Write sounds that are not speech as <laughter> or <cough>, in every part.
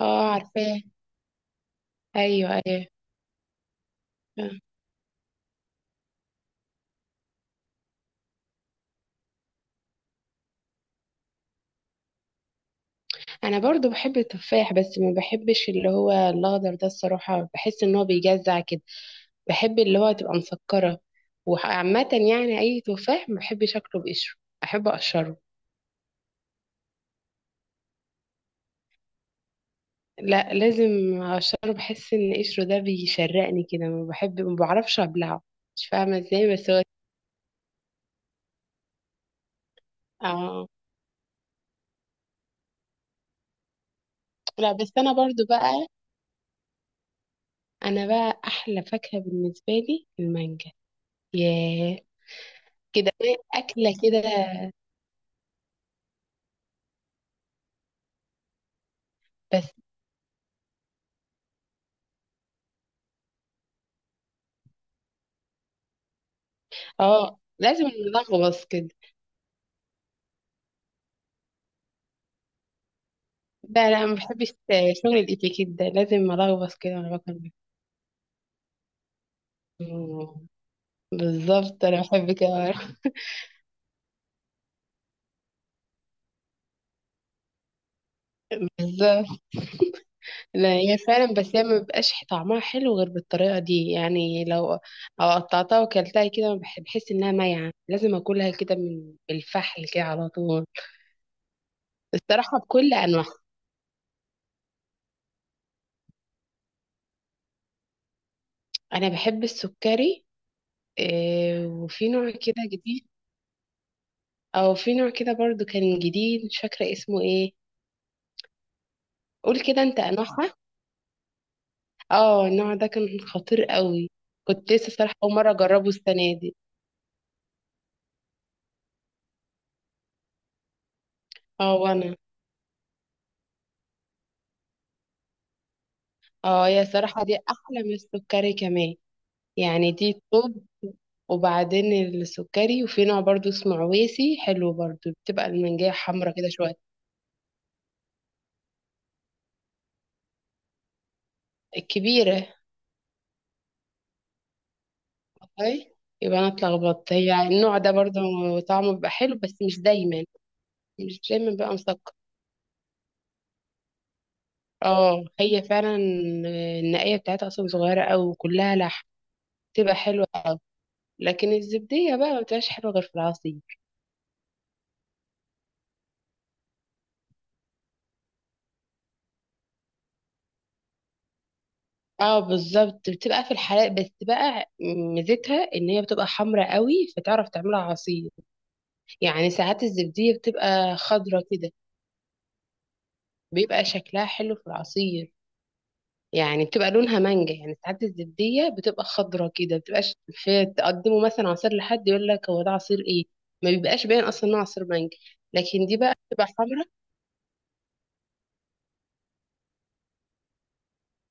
اه، عارفاه. ايوه، ايوه. آه. انا برضو بحب التفاح بس ما بحبش اللي هو الاخضر ده الصراحه، بحس ان هو بيجزع كده. بحب اللي هو تبقى مسكره. وعامه يعني اي تفاح ما بحبش اكله بقشره، احب اقشره. لا لازم اقشره، بحس ان قشره ده بيشرقني كده، ما بعرفش ابلعه. مش فاهمه ازاي بس هو اه. لا بس انا برضو بقى، انا بقى احلى فاكهه بالنسبه لي المانجا. ياه كده، اكله كده. بس اه لازم، نلغوص كده. لا، لا، ما بحبش شغل الاتيكيت ده، لازم ألغوص كده وانا باكل. مم. بالظبط، انا بحب كده. <laughs> بالظبط. لا هي فعلا، بس هي ما بيبقاش طعمها حلو غير بالطريقه دي، يعني لو قطعتها وكلتها كده بحس انها مايعه، لازم اكلها كده من الفحل كده على طول. الصراحه بكل انواعها. انا بحب السكري. إيه، وفي نوع كده جديد، او في نوع كده برضو كان جديد مش فاكره اسمه ايه. قول كده انت انواعها. اه النوع ده كان خطير قوي. كنت لسه صراحة أول مرة أجربه السنة دي. اه وأنا. اه هي صراحة دي أحلى من السكري كمان. يعني دي، طب وبعدين، السكري وفي نوع برضو اسمه عويسي حلو برضو، بتبقى المانجاية حمرا كده شوية. الكبيرة. اي يبقى أنا اتلخبطت، هي النوع ده برضو. طعمه بيبقى حلو بس مش دايما، مش دايما بيبقى مسكر. اه هي فعلا، النقية بتاعتها أصلا صغيرة أوي وكلها لحم، تبقى حلوة. لكن الزبدية بقى ما بتبقاش حلوة غير في العصير. اه بالظبط، بتبقى في الحلال بس بقى ميزتها ان هي بتبقى حمرة قوي فتعرف تعملها عصير. يعني ساعات الزبدية بتبقى خضرة كده، بيبقى شكلها حلو في العصير. يعني بتبقى لونها مانجا، يعني ساعات الزبدية بتبقى خضرة كده، بتبقاش في تقدمه مثلا عصير لحد يقول لك هو ده عصير ايه. ما بيبقاش باين اصلا انه عصير مانجا. لكن دي بقى بتبقى حمرا.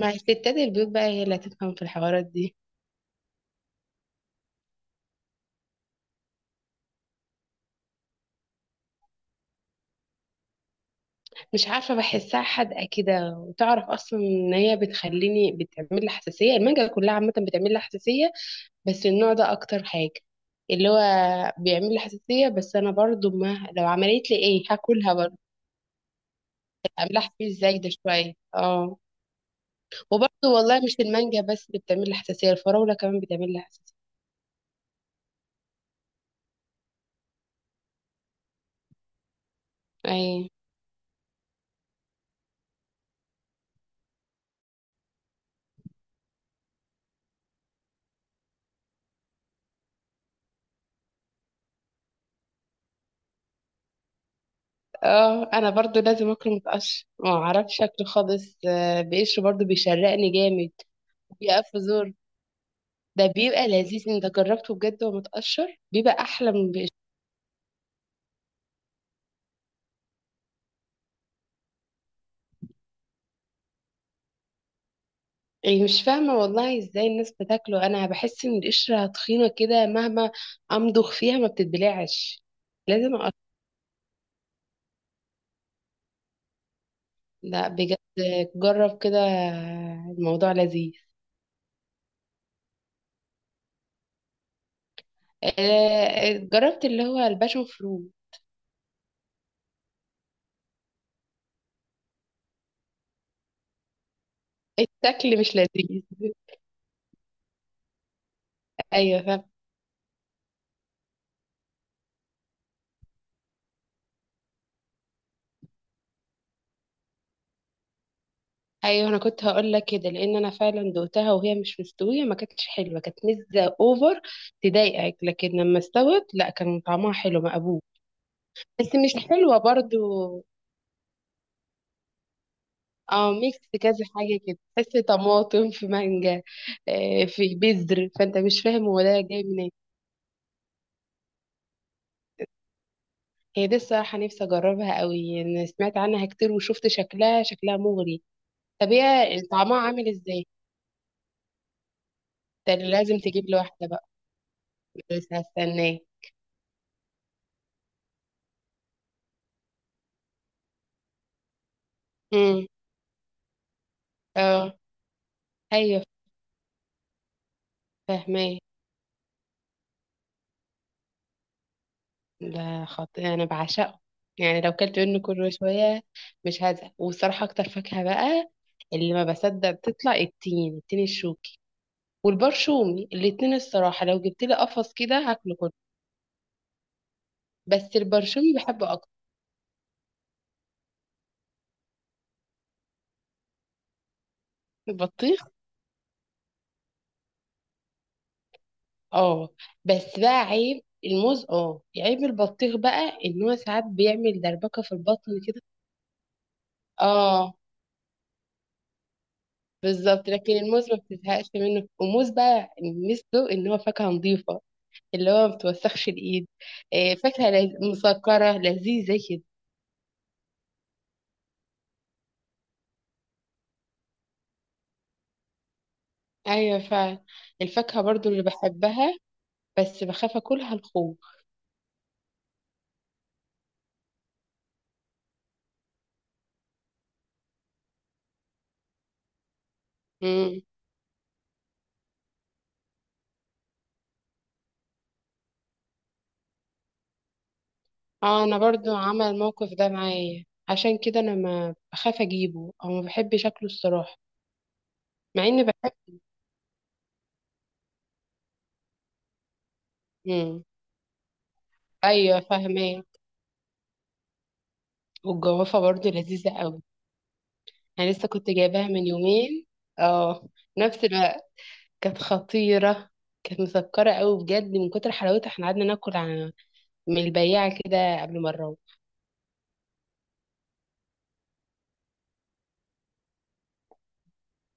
مع الستات البيوت بقى، هي اللي هتفهم في الحوارات دي. مش عارفة، بحسها حادقة كده، وتعرف أصلا إن هي بتخليني، بتعمل لي حساسية. المانجا كلها عامة بتعمل لي حساسية، بس النوع ده أكتر حاجة، اللي هو بيعمل لي حساسية. بس أنا برضو، ما لو عملت لي إيه هاكلها برضو. أعملها حساسية إزاي ده شوية اه. وبرضو والله مش المانجا بس اللي بتعمل لي حساسية، الفراولة كمان بتعمل لي حساسية. أي. اه أنا برضو لازم أكله متقشر، ما أعرفش شكله خالص، بقشره برضو بيشرقني جامد، بيقف زور. ده بيبقى لذيذ، انت جربته بجد؟ ومتقشر بيبقى احلى من القشر. يعني مش فاهمة والله ازاي الناس بتاكله، انا بحس ان القشرة تخينة كده، مهما امضغ فيها ما بتتبلعش، لازم أقشر. لا بجد، جرب كده، الموضوع لذيذ. آه، جربت اللي هو الباشون فرو. الشكل مش لذيذ. ايوه فاهم. ايوه انا كنت هقول لك كده، لان انا فعلا دوقتها وهي مش مستويه، ما كانتش حلوه، كانت مزه اوفر تضايقك. لكن لما استوت لا، كان طعمها حلو مقبول. بس مش حلوة برضو. اه، ميكس كذا حاجة كده، تحس طماطم في مانجا. آه، في بذر، فانت مش فاهم هو ده جاي منين. هي دي الصراحة نفسي اجربها قوي، انا سمعت عنها كتير وشفت شكلها، شكلها مغري. طب هي طعمها عامل ازاي؟ ده اللي لازم تجيب لي واحدة بقى، بس هستناه. امم. اه. ايوه فاهمة، ده خطير، انا بعشقه. يعني لو كلت منه كل شويه مش هزهق. والصراحه اكتر فاكهه بقى اللي ما بصدق بتطلع، التين، التين الشوكي والبرشومي الاتنين. الصراحه لو جبت لي قفص كده هاكله كله، بس البرشومي بحبه اكتر. البطيخ. اه. بس بقى عيب الموز، اه عيب البطيخ بقى، ان هو ساعات بيعمل دربكه في البطن كده. اه بالظبط، لكن الموز ما بتزهقش منه، والموز بقى ميزته ان هو فاكهه نظيفه، اللي هو ما بتوسخش الايد. آه، فاكهة مسكرة لذيذة كده. ايوه فعلا. الفاكهة برضو اللي بحبها بس بخاف اكلها الخوخ. امم. اه انا برضو عمل الموقف ده معايا، عشان كده انا ما بخاف اجيبه، او ما بحبش اكله الصراحة، مع اني بحب. امم. ايوه فاهمة. والجوافة برضو لذيذة قوي. انا لسه كنت جايباها من يومين. اه، نفس الوقت. كانت خطيرة، كانت مسكرة قوي بجد. من كتر حلاوتها احنا قعدنا ناكل من البياعة كده قبل ما نروح.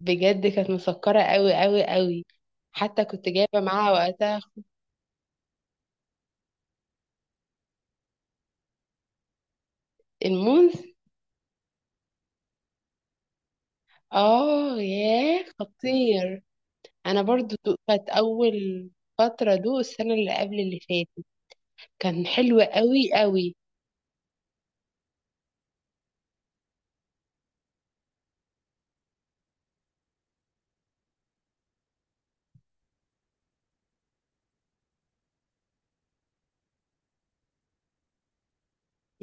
بجد كانت مسكرة قوي قوي قوي. حتى كنت جايبة معاها وقتها الموز. اه ياه، خطير. انا برضو كانت اول فترة دو السنة اللي قبل اللي فاتت. كان حلو قوي قوي.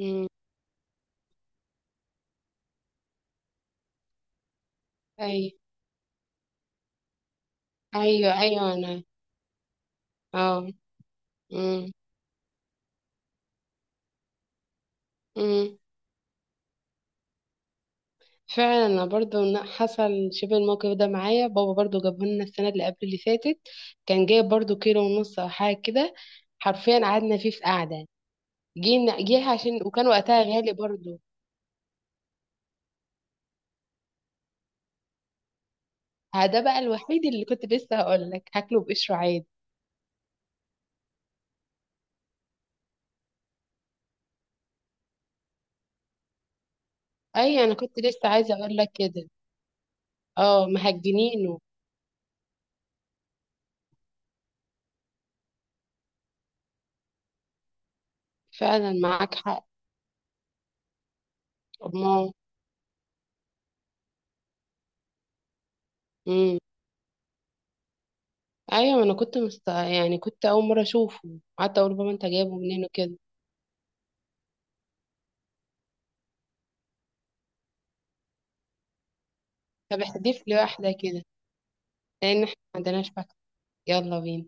امم. ايوه، ايوه، ايوه، انا اه. امم. فعلا انا برضو حصل شبه الموقف ده معايا. بابا برضو جابه لنا السنه اللي قبل اللي فاتت، كان جايب برضو كيلو ونص او حاجه كده. حرفيا قعدنا فيه في قعده، جينا جه عشان وكان وقتها غالي برضو. ها، ده بقى الوحيد اللي كنت لسه هقول لك هاكله بقشره عادي. اي انا كنت لسه عايزه اقول لك كده. اه مهجنينه، فعلا معاك حق. الله. امم. ايوه انا كنت يعني كنت اول مره اشوفه، قعدت اقول بابا انت جايبه منين كده. طب احذف لي واحده كده، لان احنا ما عندناش. يلا بينا.